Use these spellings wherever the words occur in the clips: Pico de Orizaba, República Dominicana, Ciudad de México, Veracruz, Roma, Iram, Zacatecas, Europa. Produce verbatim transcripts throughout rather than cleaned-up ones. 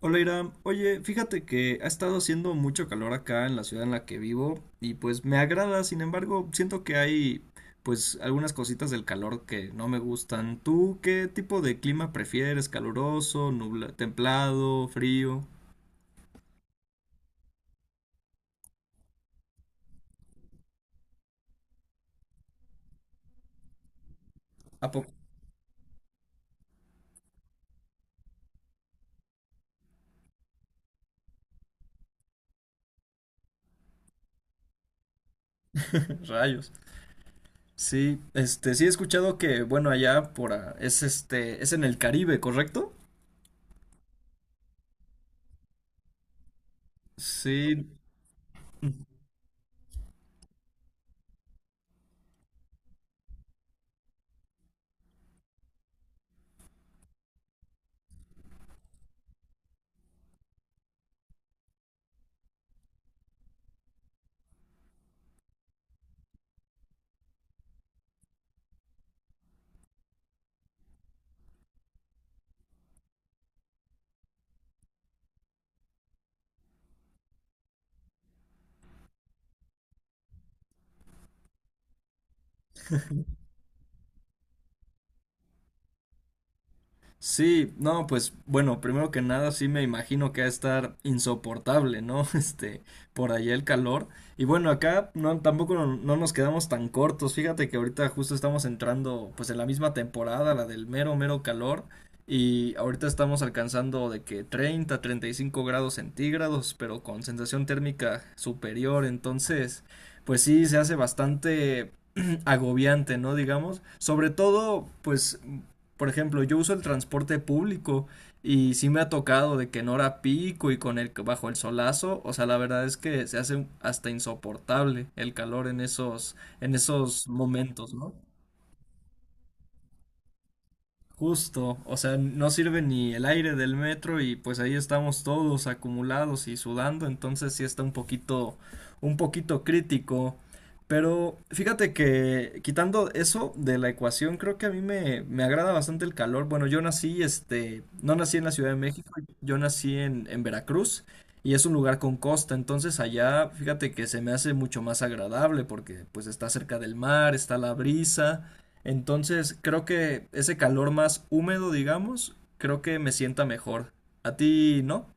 Hola Iram, oye, fíjate que ha estado haciendo mucho calor acá en la ciudad en la que vivo y pues me agrada, sin embargo, siento que hay pues algunas cositas del calor que no me gustan. ¿Tú qué tipo de clima prefieres? ¿Caluroso, nubla- templado, frío? ¿A poco? Rayos. Sí, este, sí he escuchado que, bueno, allá por ah, es este, es en el Caribe, ¿correcto? Sí, sí, no, pues bueno, primero que nada sí me imagino que va a estar insoportable, ¿no? Este, por allá el calor. Y bueno, acá no, tampoco no, no nos quedamos tan cortos. Fíjate que ahorita justo estamos entrando pues en la misma temporada, la del mero, mero calor. Y ahorita estamos alcanzando de que treinta, treinta y cinco grados centígrados, pero con sensación térmica superior. Entonces, pues sí, se hace bastante agobiante, ¿no? Digamos. Sobre todo, pues por ejemplo, yo uso el transporte público y sí me ha tocado de que en hora pico y con el bajo el solazo, o sea, la verdad es que se hace hasta insoportable el calor en esos en esos momentos, ¿no? Justo, o sea, no sirve ni el aire del metro y pues ahí estamos todos acumulados y sudando, entonces sí está un poquito, un poquito crítico. Pero fíjate que quitando eso de la ecuación, creo que a mí me, me agrada bastante el calor. Bueno, yo nací, este, no nací en la Ciudad de México, yo nací en, en Veracruz y es un lugar con costa, entonces allá fíjate que se me hace mucho más agradable porque pues está cerca del mar, está la brisa. Entonces, creo que ese calor más húmedo, digamos, creo que me sienta mejor. ¿A ti no?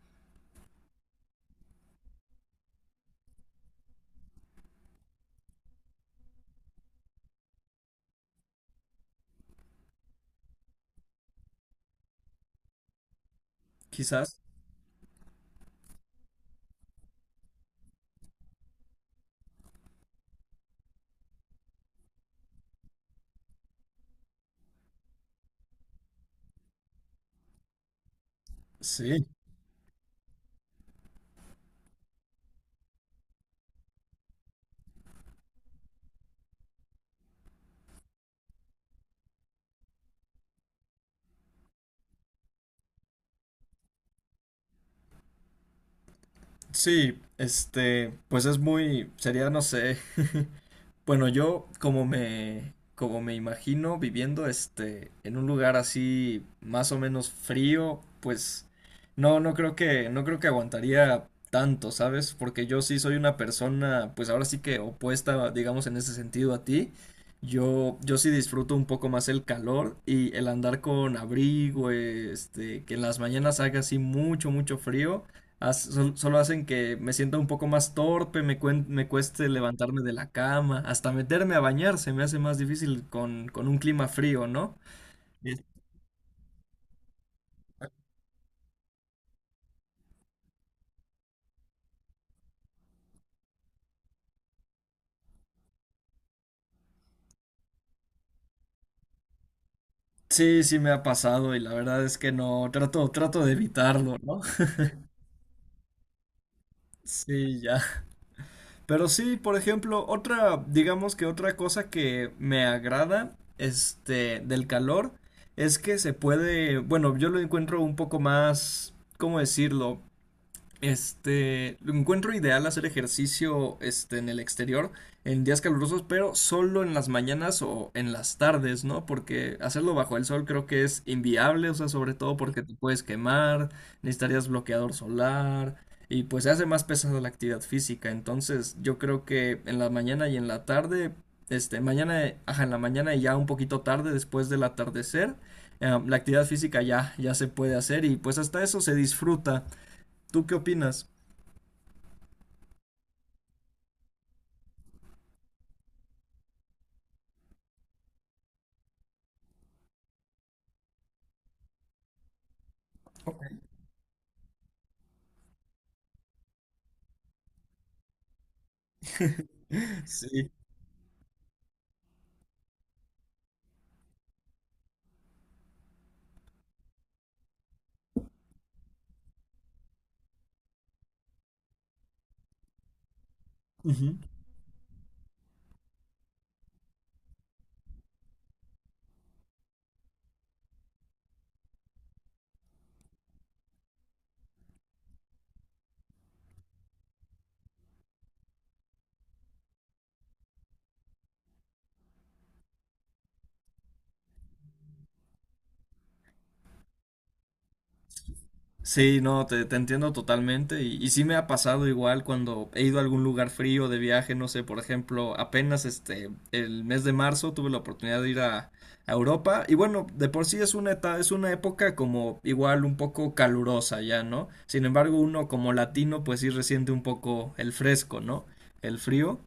Quizás. Sí. Sí, este, pues es muy, sería, no sé, Bueno, yo como me, como me imagino viviendo este, en un lugar así más o menos frío, pues no, no creo que, no creo que aguantaría tanto, ¿sabes? Porque yo sí soy una persona, pues ahora sí que opuesta, digamos, en ese sentido a ti. Yo, yo sí disfruto un poco más el calor y el andar con abrigo, este, que en las mañanas haga así mucho, mucho frío. Haz- sol- solo hacen que me sienta un poco más torpe, me, cuen- me cueste levantarme de la cama, hasta meterme a bañar se me hace más difícil con, con un clima frío, ¿no? Es- Sí, sí me ha pasado y la verdad es que no, trato, trato de evitarlo, ¿no? Sí, ya. Pero sí, por ejemplo, otra, digamos que otra cosa que me agrada, este, del calor, es que se puede, bueno, yo lo encuentro un poco más, ¿cómo decirlo? Este, lo encuentro ideal hacer ejercicio este, en el exterior en días calurosos, pero solo en las mañanas o en las tardes, ¿no? Porque hacerlo bajo el sol creo que es inviable, o sea, sobre todo porque te puedes quemar, necesitarías bloqueador solar y pues se hace más pesada la actividad física. Entonces, yo creo que en la mañana y en la tarde, este, mañana, ajá, en la mañana y ya un poquito tarde después del atardecer, eh, la actividad física ya, ya se puede hacer y pues hasta eso se disfruta. ¿Tú qué opinas? Ok. Sí. Ujú. Sí, no, te, te entiendo totalmente y, y sí me ha pasado igual cuando he ido a algún lugar frío de viaje, no sé, por ejemplo, apenas este, el mes de marzo tuve la oportunidad de ir a, a Europa y bueno, de por sí es una eta- es una época como igual un poco calurosa ya, ¿no? Sin embargo, uno como latino pues sí resiente un poco el fresco, ¿no? El frío.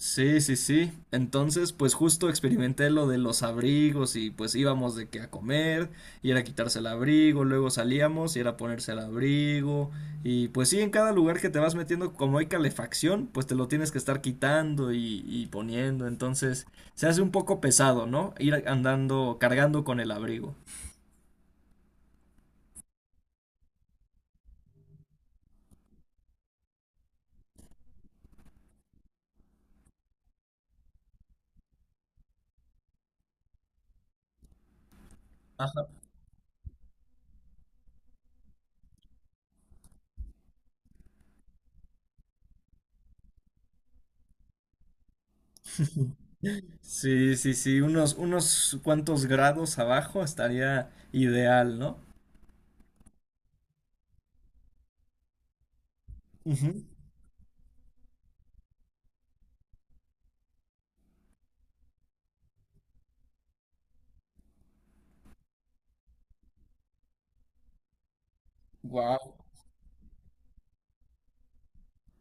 Sí, sí, sí. Entonces, pues justo experimenté lo de los abrigos y pues íbamos de que a comer y era quitarse el abrigo, luego salíamos y era ponerse el abrigo y pues sí, en cada lugar que te vas metiendo, como hay calefacción, pues te lo tienes que estar quitando y, y poniendo, entonces se hace un poco pesado, ¿no? Ir andando, cargando con el abrigo. Ajá. Sí, sí, sí, unos, unos cuantos grados abajo estaría ideal, ¿no? Wow.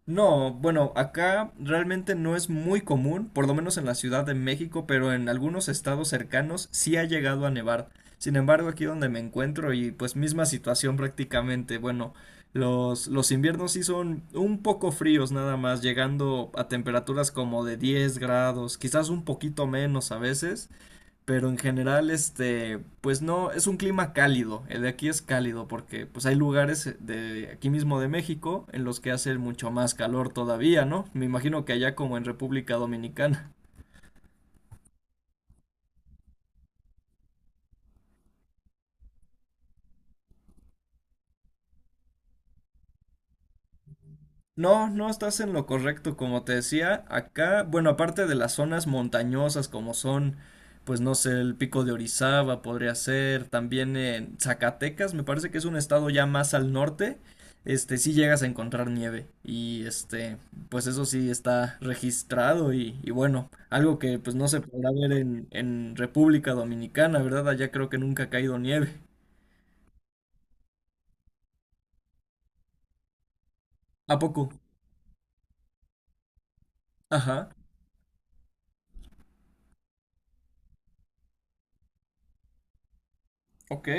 No, bueno, acá realmente no es muy común, por lo menos en la Ciudad de México, pero en algunos estados cercanos sí ha llegado a nevar. Sin embargo, aquí donde me encuentro y pues misma situación prácticamente, bueno, los, los inviernos sí son un poco fríos nada más, llegando a temperaturas como de diez grados, quizás un poquito menos a veces, pero en general, este, pues no, es un clima cálido. El de aquí es cálido porque pues hay lugares de aquí mismo de México en los que hace mucho más calor todavía, ¿no? Me imagino que allá como en República Dominicana. No, no estás en lo correcto, como te decía, acá, bueno, aparte de las zonas montañosas como son, pues no sé, el Pico de Orizaba podría ser, también en Zacatecas, me parece que es un estado ya más al norte, este, sí llegas a encontrar nieve y este, pues eso sí está registrado y, y bueno, algo que pues no se podrá ver en, en República Dominicana, ¿verdad? Allá creo que nunca ha caído nieve. ¿A poco? Ajá, ok.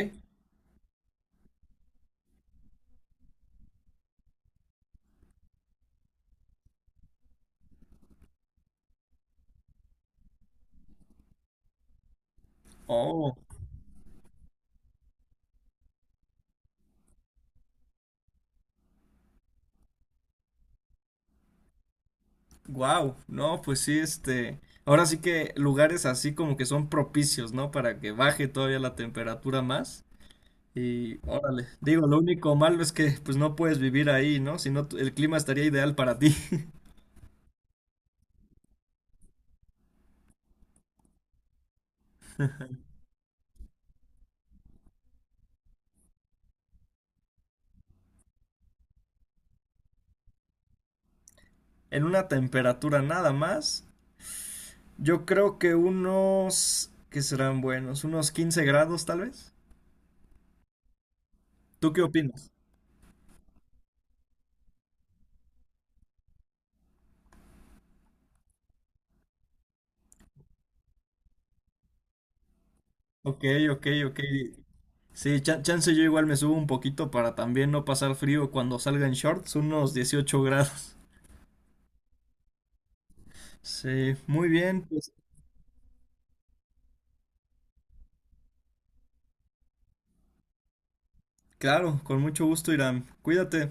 Oh. Wow, no, pues sí, este, ahora sí que lugares así como que son propicios, ¿no? Para que baje todavía la temperatura más. Y órale, digo, lo único malo es que pues no puedes vivir ahí, ¿no? Si no, tu- el clima estaría ideal para ti. En una temperatura nada más, yo creo que unos, ¿qué serán buenos? Unos quince grados tal vez. ¿Tú qué opinas? Ok, ok, ok. Sí, chan- chance yo igual me subo un poquito para también no pasar frío cuando salga en shorts, unos dieciocho grados. Sí, muy bien, pues claro, con mucho gusto, Irán. Cuídate.